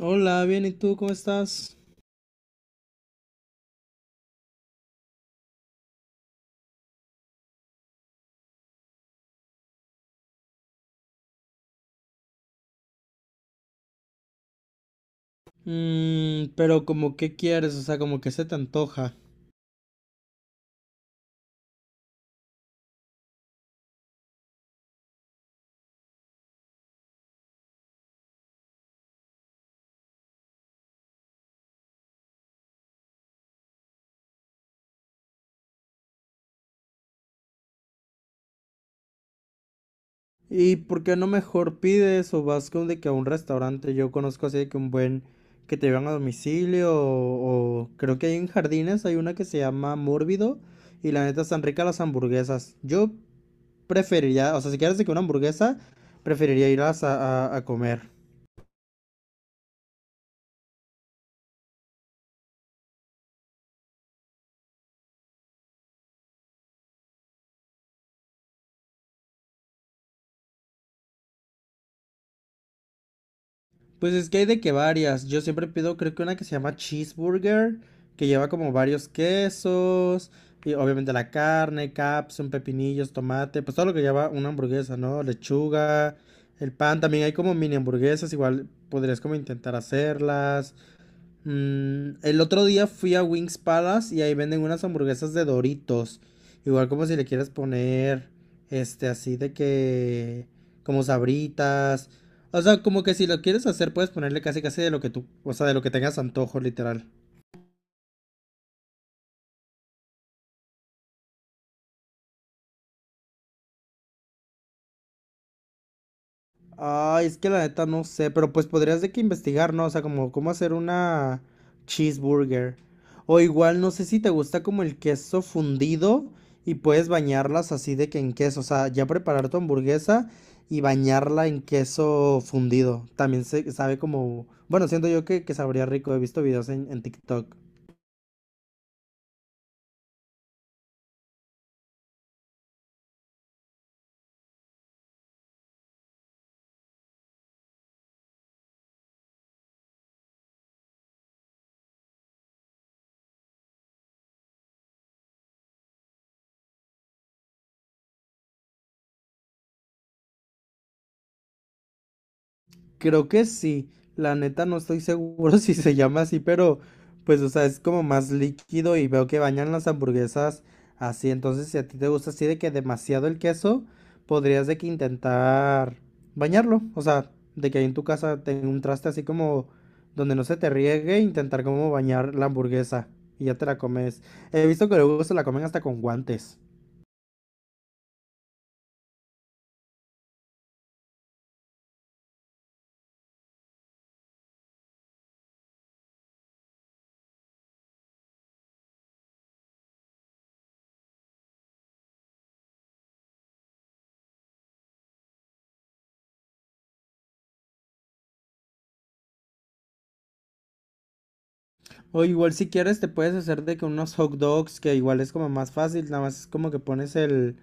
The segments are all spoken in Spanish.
Hola, bien, ¿y tú cómo estás? Pero como qué quieres, o sea, como que se te antoja. ¿Y por qué no mejor pides o vas con de que a un restaurante? Yo conozco así de que un buen que te llevan a domicilio o, creo que hay en Jardines hay una que se llama Mórbido y la neta están ricas las hamburguesas. Yo preferiría, o sea, si quieres de que una hamburguesa, preferiría ir a comer. Pues es que hay de que varias. Yo siempre pido, creo que una que se llama cheeseburger, que lleva como varios quesos, y obviamente la carne, capsun, pepinillos, tomate, pues todo lo que lleva una hamburguesa, ¿no? Lechuga, el pan, también hay como mini hamburguesas, igual podrías como intentar hacerlas. El otro día fui a Wings Palace y ahí venden unas hamburguesas de Doritos. Igual como si le quieres poner, este, así de que, como sabritas. O sea, como que si lo quieres hacer, puedes ponerle casi casi de lo que tú, o sea, de lo que tengas antojo, literal. Ay, es que la neta no sé, pero pues podrías de que investigar, ¿no? O sea, como cómo hacer una cheeseburger. O igual, no sé si te gusta como el queso fundido y puedes bañarlas así de que en queso. O sea, ya preparar tu hamburguesa y bañarla en queso fundido. También se sabe como, bueno, siento yo que, sabría rico. He visto videos en TikTok. Creo que sí, la neta no estoy seguro si se llama así, pero pues o sea, es como más líquido y veo que bañan las hamburguesas así, entonces si a ti te gusta así de que demasiado el queso, podrías de que intentar bañarlo, o sea, de que ahí en tu casa tenga un traste así como donde no se te riegue, intentar como bañar la hamburguesa y ya te la comes. He visto que luego se la comen hasta con guantes. O igual si quieres te puedes hacer de que unos hot dogs, que igual es como más fácil, nada más es como que pones el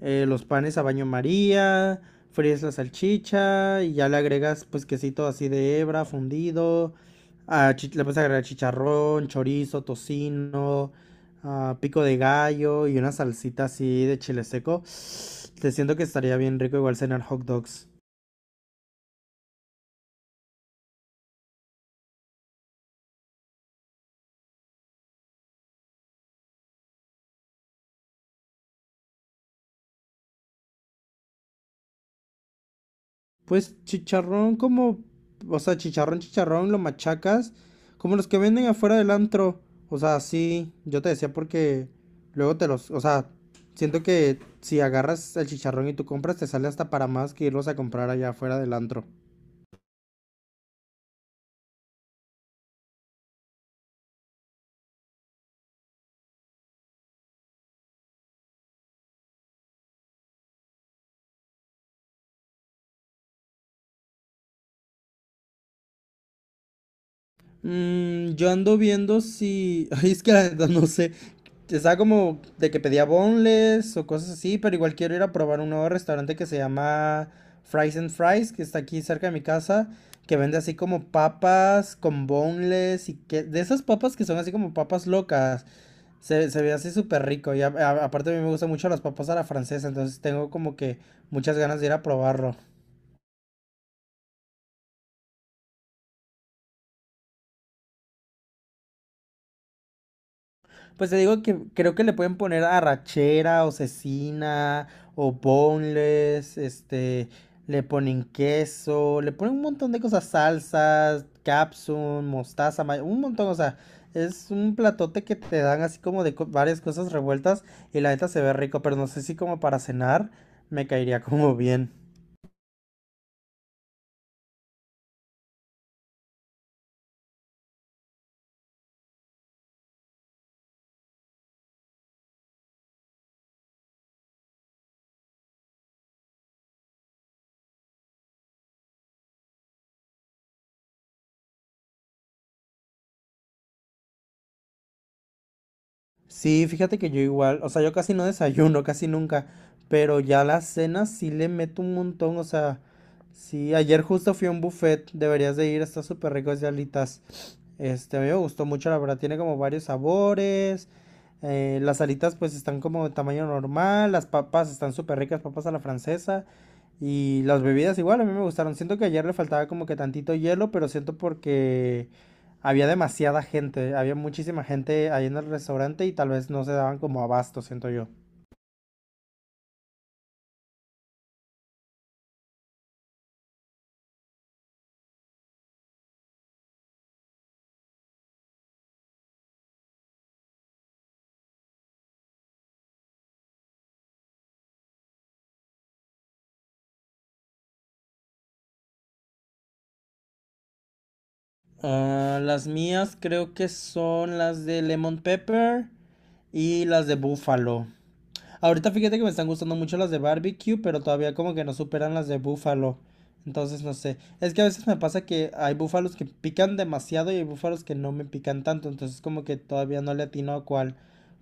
los panes a baño María, fríes la salchicha y ya le agregas pues quesito así de hebra fundido, ah, le puedes agregar chicharrón, chorizo, tocino, ah, pico de gallo y una salsita así de chile seco. Te siento que estaría bien rico igual cenar hot dogs. Pues chicharrón como, o sea, chicharrón, chicharrón, lo machacas, como los que venden afuera del antro. O sea, sí, yo te decía porque luego te los, o sea, siento que si agarras el chicharrón y tú compras, te sale hasta para más que irlos a comprar allá afuera del antro. Yo ando viendo si. Ay, es que la neta no sé. Estaba como de que pedía boneless o cosas así, pero igual quiero ir a probar un nuevo restaurante que se llama Fries and Fries, que está aquí cerca de mi casa, que vende así como papas con boneless y que. De esas papas que son así como papas locas. Se ve así súper rico. Y aparte a mí me gustan mucho las papas a la francesa, entonces tengo como que muchas ganas de ir a probarlo. Pues te digo que creo que le pueden poner arrachera o cecina o boneless, este, le ponen queso, le ponen un montón de cosas, salsas, capsun, mostaza, un montón, o sea, es un platote que te dan así como de varias cosas revueltas y la neta se ve rico, pero no sé si como para cenar me caería como bien. Sí, fíjate que yo igual, o sea, yo casi no desayuno, casi nunca, pero ya las cenas sí le meto un montón, o sea, sí, ayer justo fui a un buffet, deberías de ir, está súper rico de alitas. Este, a mí me gustó mucho, la verdad, tiene como varios sabores, las alitas pues están como de tamaño normal, las papas están súper ricas, papas a la francesa, y las bebidas igual, a mí me gustaron, siento que ayer le faltaba como que tantito hielo, pero siento porque. Había demasiada gente, había muchísima gente ahí en el restaurante y tal vez no se daban como abasto, siento yo. Ah, las mías creo que son las de Lemon Pepper y las de Buffalo. Ahorita fíjate que me están gustando mucho las de barbecue, pero todavía como que no superan las de búfalo. Entonces no sé. Es que a veces me pasa que hay búfalos que pican demasiado y hay búfalos que no me pican tanto. Entonces como que todavía no le atino a cuál,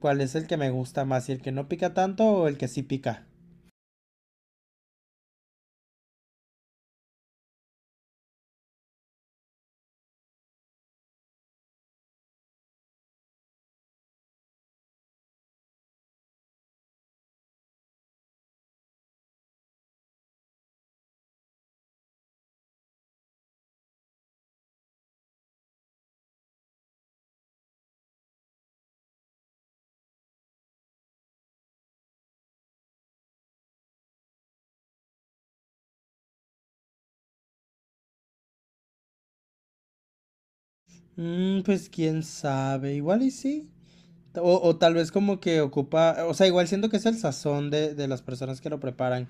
cuál es el que me gusta más, si el que no pica tanto o el que sí pica. Pues quién sabe, igual y sí. O tal vez como que ocupa, o sea, igual siento que es el sazón de, las personas que lo preparan,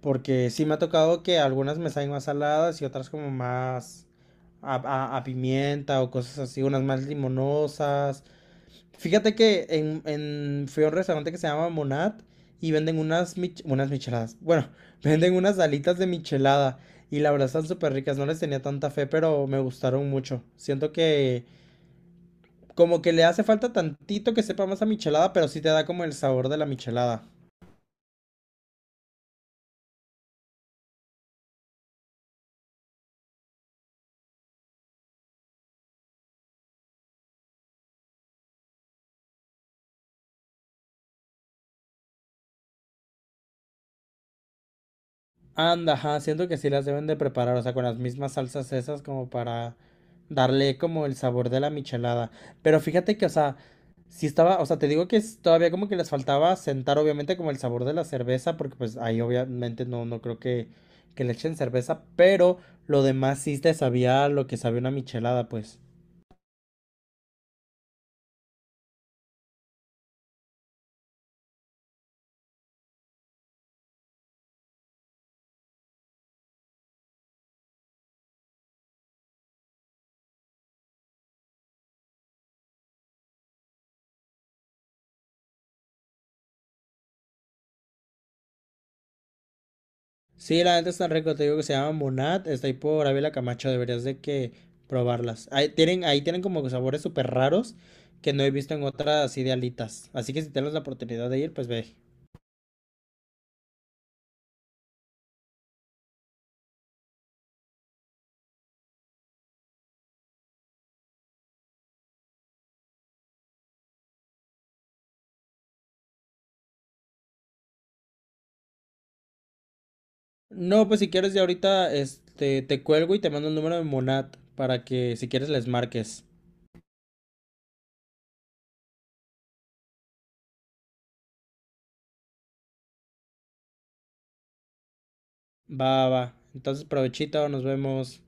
porque sí me ha tocado que algunas me saben más saladas y otras como más a, a pimienta o cosas así, unas más limonosas. Fíjate que fui a un restaurante que se llama Monat y venden unas micheladas, bueno, venden unas alitas de michelada y la verdad están súper ricas, no les tenía tanta fe, pero me gustaron mucho. Siento que. Como que le hace falta tantito que sepa más a michelada, pero sí te da como el sabor de la michelada. Anda, ajá, siento que sí las deben de preparar, o sea, con las mismas salsas esas como para darle como el sabor de la michelada. Pero fíjate que, o sea, sí estaba, o sea, te digo que todavía como que les faltaba sentar obviamente como el sabor de la cerveza, porque pues ahí obviamente no, no creo que, le echen cerveza, pero lo demás sí te sabía lo que sabía una michelada, pues. Sí, la neta está rico, te digo que se llama Monat, está ahí por Ávila Camacho, deberías de que probarlas. Ahí tienen como que sabores súper raros que no he visto en otras así de alitas. Así que si tienes la oportunidad de ir, pues ve. No, pues si quieres ya ahorita, este, te cuelgo y te mando el número de Monat para que si quieres les marques. Va. Va. Entonces, provechito, nos vemos.